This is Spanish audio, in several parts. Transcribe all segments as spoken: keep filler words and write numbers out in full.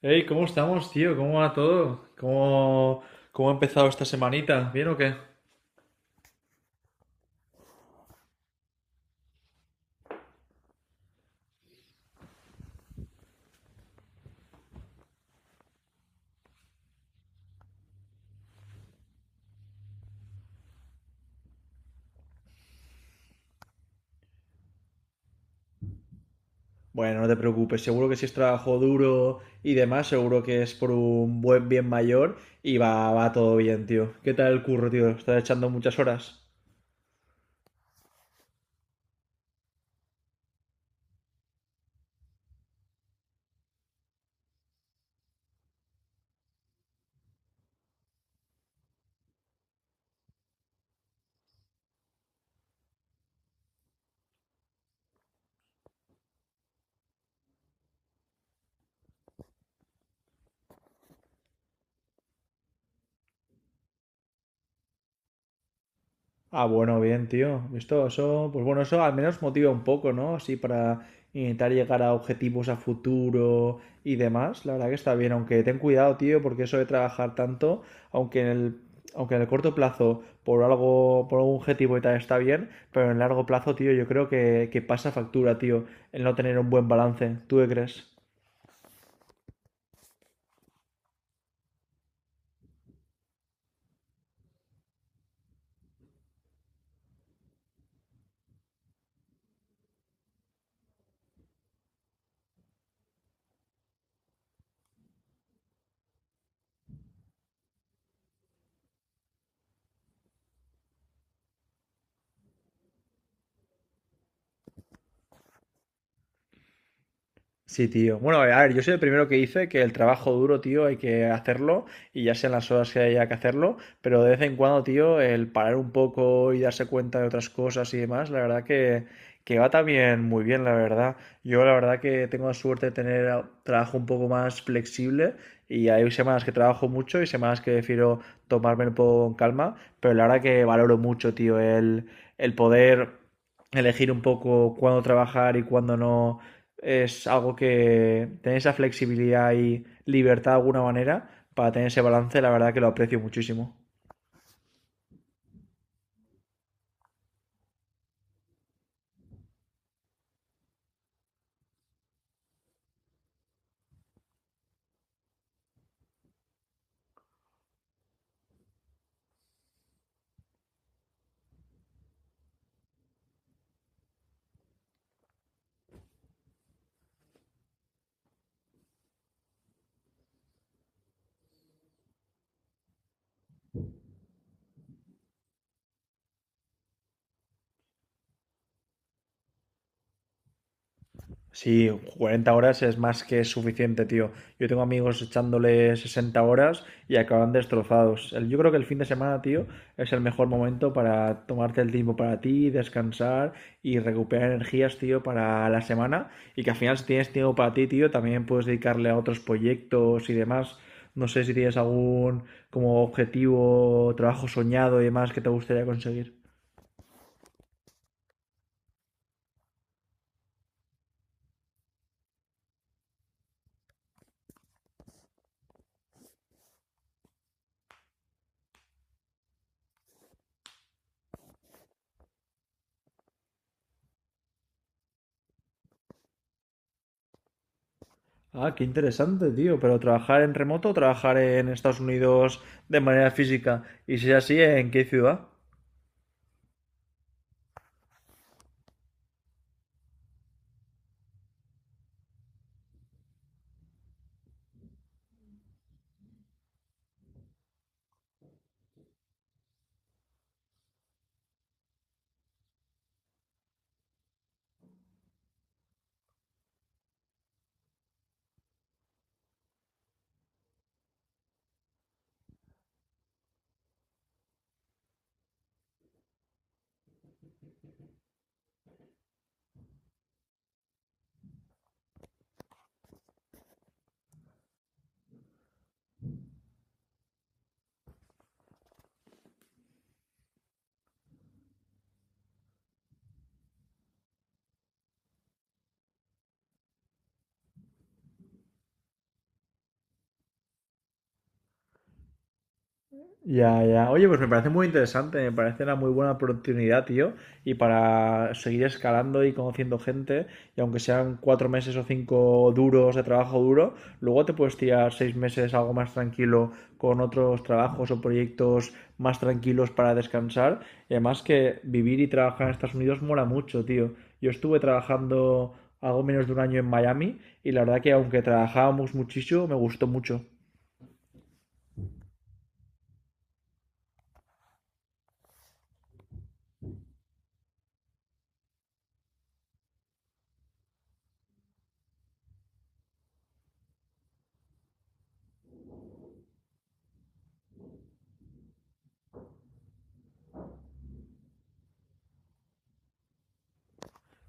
Hey, ¿cómo estamos, tío? ¿Cómo va todo? ¿Cómo, cómo ha empezado esta semanita? ¿Bien o qué? Bueno, no te preocupes, seguro que si es trabajo duro y demás, seguro que es por un buen bien mayor y va, va todo bien, tío. ¿Qué tal el curro, tío? ¿Estás echando muchas horas? Ah, bueno, bien, tío. Esto, eso, pues bueno, eso al menos motiva un poco, ¿no? Así para intentar llegar a objetivos a futuro y demás. La verdad que está bien, aunque ten cuidado, tío, porque eso de trabajar tanto, aunque en el, aunque en el corto plazo por algo, por algún objetivo y tal está bien, pero en el largo plazo, tío, yo creo que, que pasa factura, tío, el no tener un buen balance. ¿Tú qué crees? Sí, tío. Bueno, a ver, yo soy el primero que dice que el trabajo duro, tío, hay que hacerlo y ya sean las horas que haya que hacerlo, pero de vez en cuando, tío, el parar un poco y darse cuenta de otras cosas y demás, la verdad que, que va también muy bien, la verdad. Yo la verdad que tengo la suerte de tener a- trabajo un poco más flexible y hay semanas que trabajo mucho y semanas que prefiero tomarme un poco con calma, pero la verdad que valoro mucho, tío, el, el poder elegir un poco cuándo trabajar y cuándo no es algo que tener esa flexibilidad y libertad de alguna manera para tener ese balance, la verdad que lo aprecio muchísimo. Sí, cuarenta horas es más que suficiente, tío. Yo tengo amigos echándole sesenta horas y acaban destrozados. El- Yo creo que el fin de semana, tío, es el mejor momento para tomarte el tiempo para ti, descansar y recuperar energías, tío, para la semana. Y que al final, si tienes tiempo para ti, tío, también puedes dedicarle a otros proyectos y demás. No sé si tienes algún como objetivo, trabajo soñado y demás que te gustaría conseguir. Ah, qué interesante, tío. ¿Pero trabajar en remoto, o trabajar en Estados Unidos de manera física? Y si es así, ¿en qué ciudad? Ya, ya. Oye, pues me parece muy interesante, me parece una muy buena oportunidad, tío, y para seguir escalando y conociendo gente, y aunque sean cuatro meses o cinco duros de trabajo duro, luego te puedes tirar seis meses algo más tranquilo con otros trabajos o proyectos más tranquilos para descansar. Y además que vivir y trabajar en Estados Unidos mola mucho, tío. Yo estuve trabajando algo menos de un año en Miami y la verdad que aunque trabajábamos muchísimo, me gustó mucho.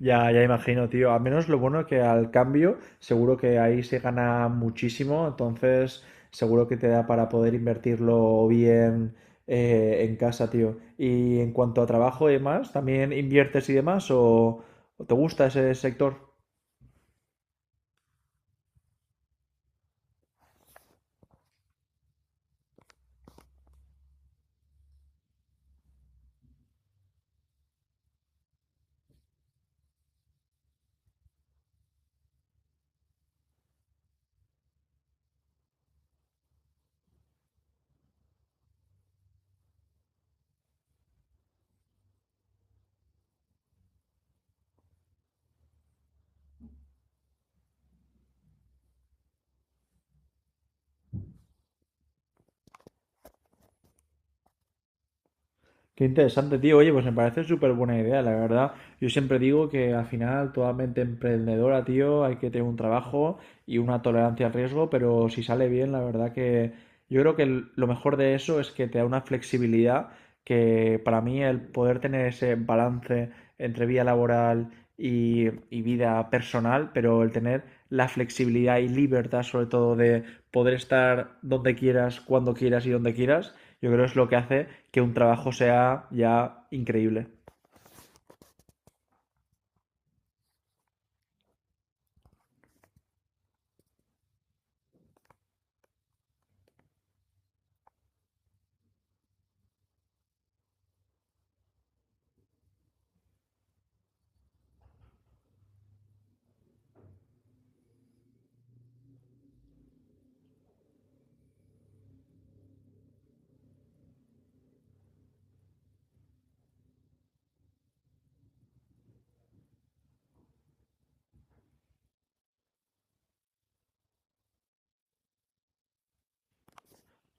Ya, ya imagino, tío. Al menos lo bueno que al cambio, seguro que ahí se gana muchísimo, entonces seguro que te da para poder invertirlo bien eh, en casa, tío. Y en cuanto a trabajo y demás, ¿también inviertes y demás o, o te gusta ese sector? Qué interesante, tío. Oye, pues me parece súper buena idea, la verdad. Yo siempre digo que al final toda mente emprendedora, tío, hay que tener un trabajo y una tolerancia al riesgo, pero si sale bien, la verdad que yo creo que el- lo mejor de eso es que te da una flexibilidad que para mí el poder tener ese balance entre vida laboral y, y vida personal, pero el tener la flexibilidad y libertad sobre todo de poder estar donde quieras, cuando quieras y donde quieras yo creo que es lo que hace que un trabajo sea ya increíble.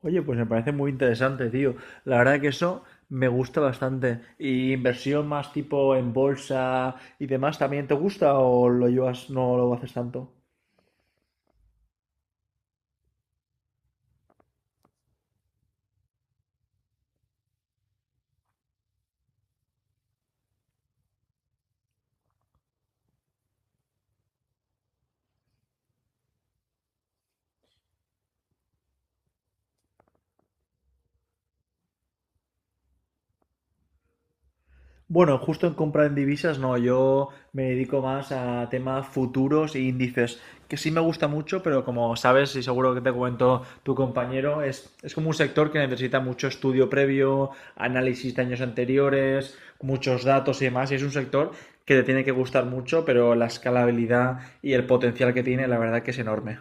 Oye, pues me parece muy interesante, tío. La verdad que eso me gusta bastante. ¿Y inversión más tipo en bolsa y demás también te gusta o lo llevas, no lo haces tanto? Bueno, justo en compra en divisas no, yo me dedico más a temas futuros e índices, que sí me gusta mucho, pero como sabes y seguro que te comentó tu compañero, es, es como un sector que necesita mucho estudio previo, análisis de años anteriores, muchos datos y demás, y es un sector que te tiene que gustar mucho, pero la escalabilidad y el potencial que tiene, la verdad que es enorme.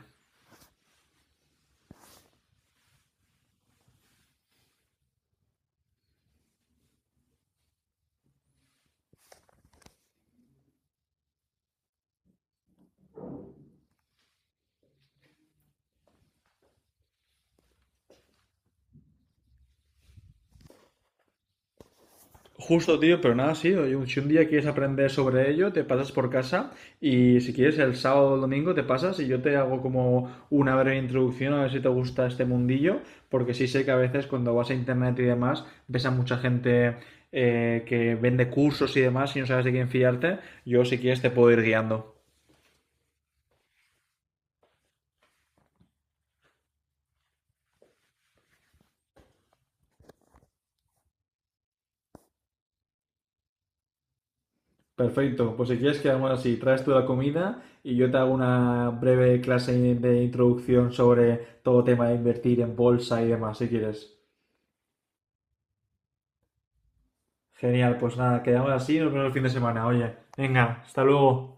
Justo, tío, pero nada, sí. Oye, si un día quieres aprender sobre ello, te pasas por casa y si quieres el sábado o el domingo te pasas y yo te hago como una breve introducción a ver si te gusta este mundillo, porque sí sé que a veces cuando vas a internet y demás ves a mucha gente eh, que vende cursos y demás y no sabes de quién fiarte. Yo si quieres te puedo ir guiando. Perfecto, pues si quieres quedamos así, traes tú la comida y yo te hago una breve clase de introducción sobre todo tema de invertir en bolsa y demás, si quieres. Genial, pues nada, quedamos así, nos vemos el fin de semana. Oye, venga, hasta luego.